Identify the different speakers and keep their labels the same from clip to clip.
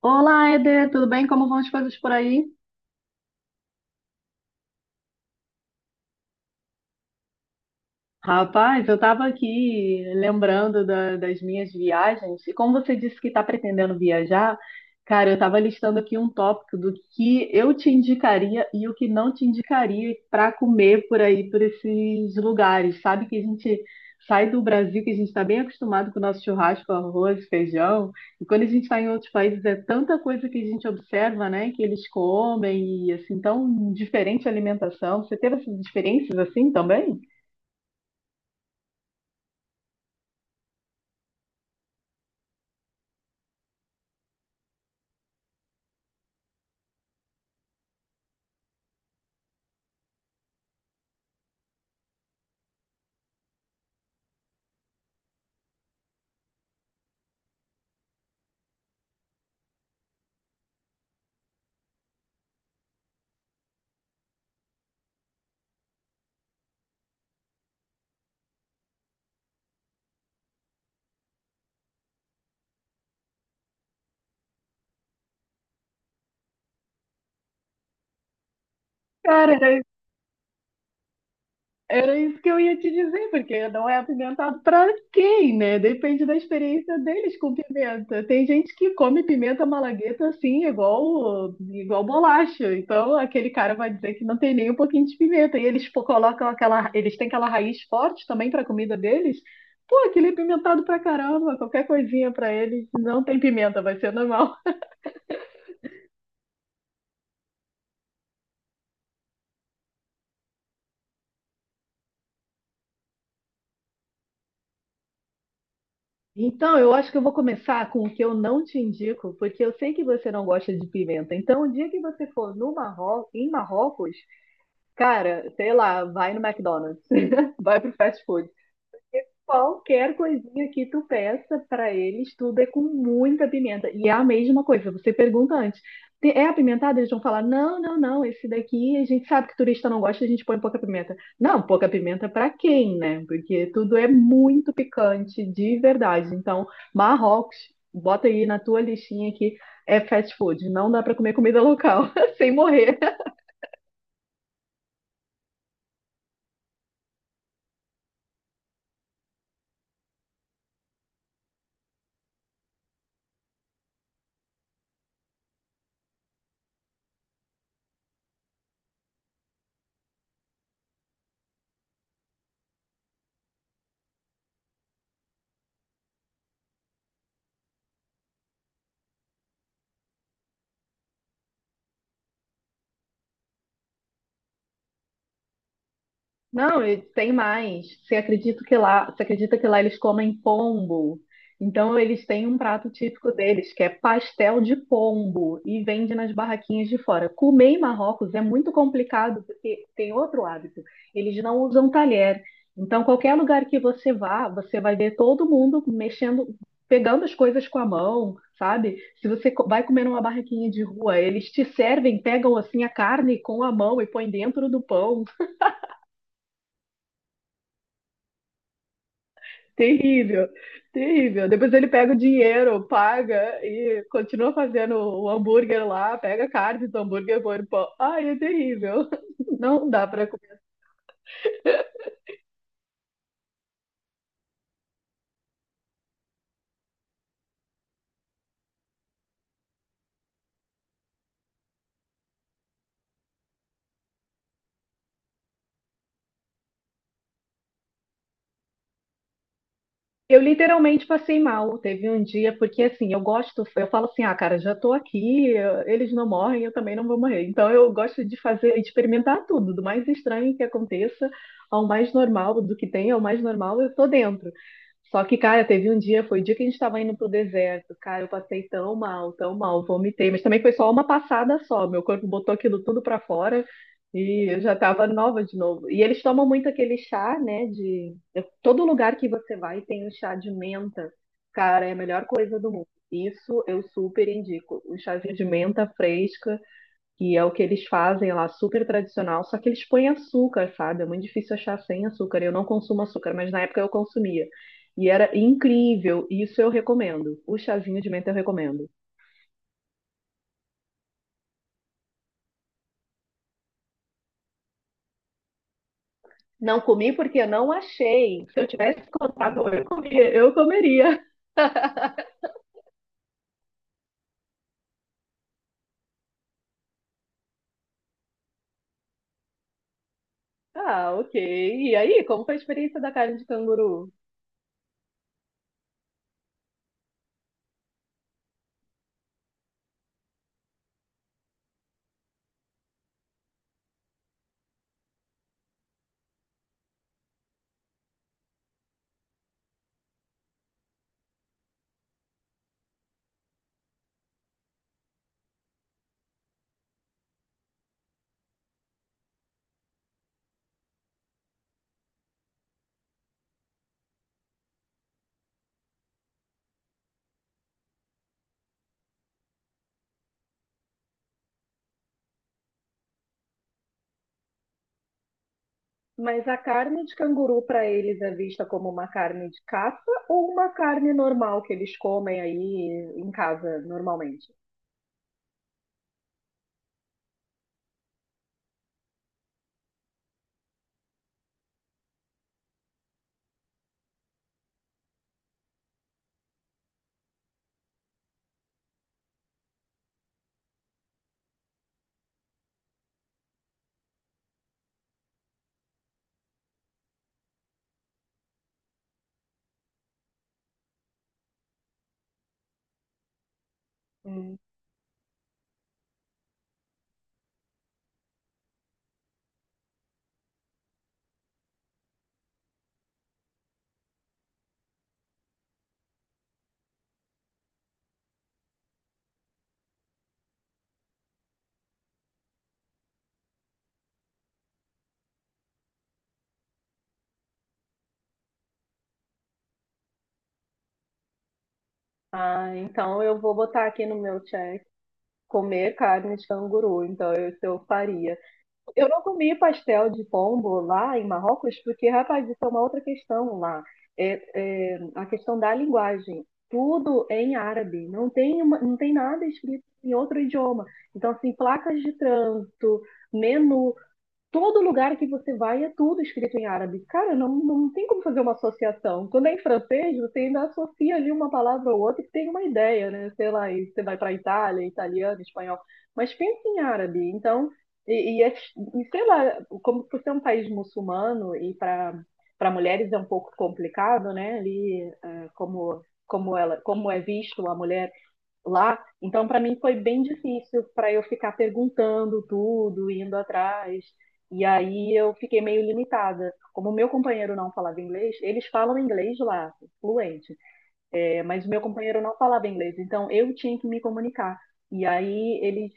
Speaker 1: Olá, Eder, tudo bem? Como vão as coisas por aí? Rapaz, eu estava aqui lembrando das minhas viagens, e como você disse que está pretendendo viajar, cara, eu estava listando aqui um tópico do que eu te indicaria e o que não te indicaria para comer por aí, por esses lugares. Sabe que a gente sai do Brasil, que a gente está bem acostumado com o nosso churrasco, arroz, feijão, e quando a gente está em outros países é tanta coisa que a gente observa, né, que eles comem, e assim, tão diferente a alimentação. Você teve essas experiências assim também? Cara, era isso que eu ia te dizer, porque não é apimentado para quem, né? Depende da experiência deles com pimenta. Tem gente que come pimenta malagueta assim, igual, igual bolacha. Então, aquele cara vai dizer que não tem nem um pouquinho de pimenta. E eles pô, colocam aquela, eles têm aquela raiz forte também para a comida deles. Pô, aquele é pimentado pra caramba, qualquer coisinha para eles não tem pimenta, vai ser normal. Então, eu acho que eu vou começar com o que eu não te indico, porque eu sei que você não gosta de pimenta. Então, o dia que você for no Marro... em Marrocos, cara, sei lá, vai no McDonald's, vai pro fast food. Qualquer coisinha que tu peça pra eles, tudo é com muita pimenta. E é a mesma coisa, você pergunta antes. É apimentado?" Eles vão falar: não, não, não, esse daqui a gente sabe que turista não gosta, a gente põe pouca pimenta. Não, pouca pimenta pra quem, né? Porque tudo é muito picante, de verdade. Então, Marrocos, bota aí na tua listinha que é fast food, não dá pra comer comida local, sem morrer. Não, e tem mais. Você acredita que lá, você acredita que lá eles comem pombo? Então eles têm um prato típico deles, que é pastel de pombo, e vende nas barraquinhas de fora. Comer em Marrocos é muito complicado, porque tem outro hábito. Eles não usam talher. Então, qualquer lugar que você vá, você vai ver todo mundo mexendo, pegando as coisas com a mão, sabe? Se você vai comer numa barraquinha de rua, eles te servem, pegam assim a carne com a mão e põem dentro do pão. Terrível, terrível. Depois ele pega o dinheiro, paga e continua fazendo o hambúrguer lá, pega a carne do hambúrguer, e põe no pão. Ai, é terrível. Não dá para. Eu literalmente passei mal. Teve um dia, porque assim, eu gosto, eu falo assim, ah, cara, já tô aqui, eles não morrem, eu também não vou morrer. Então eu gosto de fazer, experimentar tudo, do mais estranho que aconteça ao mais normal, do que tem ao mais normal, eu tô dentro. Só que, cara, teve um dia, foi o dia que a gente estava indo pro deserto, cara, eu passei tão mal, vomitei, mas também foi só uma passada só, meu corpo botou aquilo tudo pra fora e eu já tava nova de novo. E eles tomam muito aquele chá, né, de todo lugar que você vai tem o chá de menta. Cara, é a melhor coisa do mundo. Isso eu super indico. O chazinho de menta fresca, que é o que eles fazem lá, super tradicional, só que eles põem açúcar, sabe? É muito difícil achar sem açúcar. Eu não consumo açúcar, mas na época eu consumia. E era incrível. Isso eu recomendo. O chazinho de menta eu recomendo. Não comi porque eu não achei. Se eu tivesse contado, eu comia, eu comeria. Ah, ok. E aí, como foi a experiência da carne de canguru? Mas a carne de canguru para eles é vista como uma carne de caça ou uma carne normal que eles comem aí em casa normalmente? Hum. Ah, então eu vou botar aqui no meu check comer carne de canguru. Então eu, isso eu faria. Eu não comi pastel de pombo lá em Marrocos, porque, rapaz, isso é uma outra questão lá. É, é a questão da linguagem. Tudo é em árabe, não tem, não tem nada escrito em outro idioma. Então, assim, placas de trânsito, menu, todo lugar que você vai é tudo escrito em árabe. Cara, não, não tem como fazer uma associação. Quando é em francês, você ainda associa ali uma palavra ou outra que tem uma ideia, né? Sei lá, e você vai para Itália, italiano, espanhol. Mas pensa em árabe. Então, e, e é- e sei lá, como por ser um país muçulmano e para mulheres é um pouco complicado, né? Ali, eh, como ela, como é visto a mulher lá. Então, para mim foi bem difícil para eu ficar perguntando tudo, indo atrás. E aí eu fiquei meio limitada. Como o meu companheiro não falava inglês, eles falam inglês lá, fluente. É, mas o meu companheiro não falava inglês, então eu tinha que me comunicar. E aí ele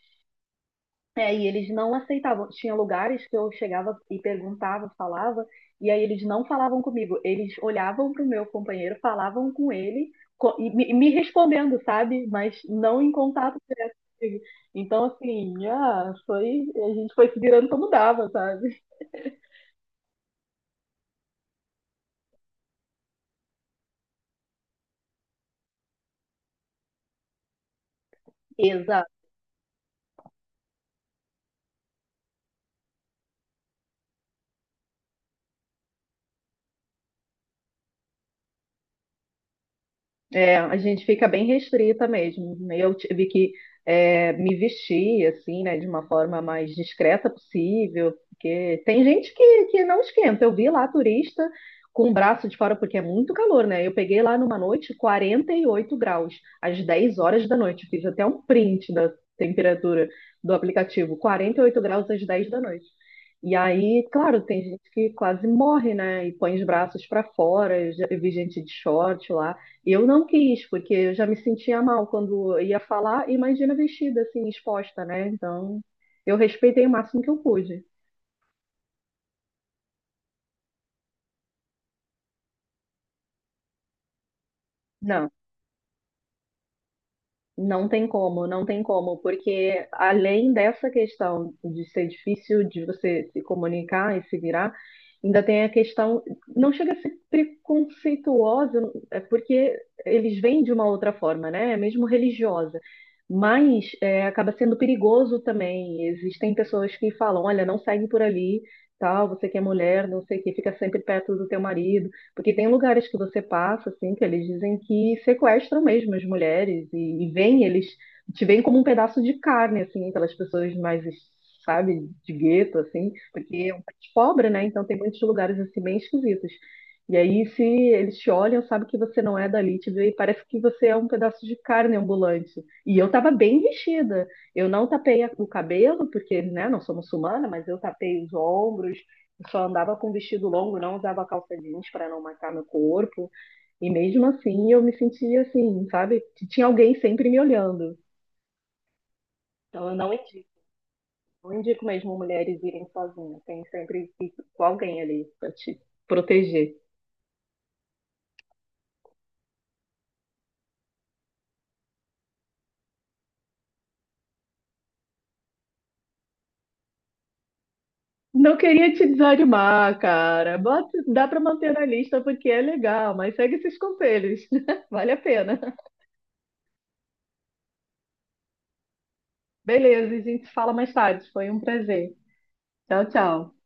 Speaker 1: é, e eles não aceitavam. Tinha lugares que eu chegava e perguntava, falava, e aí eles não falavam comigo. Eles olhavam para o meu companheiro, falavam com ele e me respondendo, sabe? Mas não em contato direto comigo. Então, assim, ah, foi, a gente foi se virando como dava, sabe? Exato. É, a gente fica bem restrita mesmo, né? Eu tive que me vestir assim, né, de uma forma mais discreta possível, porque tem gente que não esquenta. Eu vi lá turista com o braço de fora, porque é muito calor, né? Eu peguei lá numa noite 48 graus, às 10 horas da noite. Fiz até um print da temperatura do aplicativo, 48 graus às 10 da noite. E aí, claro, tem gente que quase morre, né? E põe os braços para fora. Eu já vi gente de short lá. Eu não quis, porque eu já me sentia mal quando eu ia falar, imagina vestida assim, exposta, né? Então, eu respeitei o máximo que eu pude. Não. Não tem como, não tem como, porque além dessa questão de ser difícil de você se comunicar e se virar, ainda tem a questão, não chega a ser preconceituosa, é porque eles vêm de uma outra forma, né? É mesmo religiosa, mas é, acaba sendo perigoso também. Existem pessoas que falam, olha, não segue por ali, tal, você que é mulher, não sei o que, fica sempre perto do teu marido. Porque tem lugares que você passa, assim, que eles dizem que sequestram mesmo as mulheres te veem como um pedaço de carne, assim, pelas pessoas mais, sabe, de gueto, assim, porque é um país pobre, né? Então tem muitos lugares, assim, bem esquisitos. E aí, se eles te olham, sabe que você não é dali, te vê, e parece que você é um pedaço de carne ambulante. E eu tava bem vestida. Eu não tapei o cabelo, porque, né, não sou muçulmana, mas eu tapei os ombros, só andava com vestido longo, não usava calça jeans para não marcar meu corpo. E mesmo assim, eu me sentia assim, sabe? Que tinha alguém sempre me olhando. Então, eu não indico. Não indico mesmo mulheres irem sozinhas. Tem sempre que ir com alguém ali para te proteger. Não queria te desanimar, cara. Bota, dá para manter na lista porque é legal, mas segue esses conselhos. Vale a pena. Beleza, a gente se fala mais tarde. Foi um prazer. Tchau, tchau.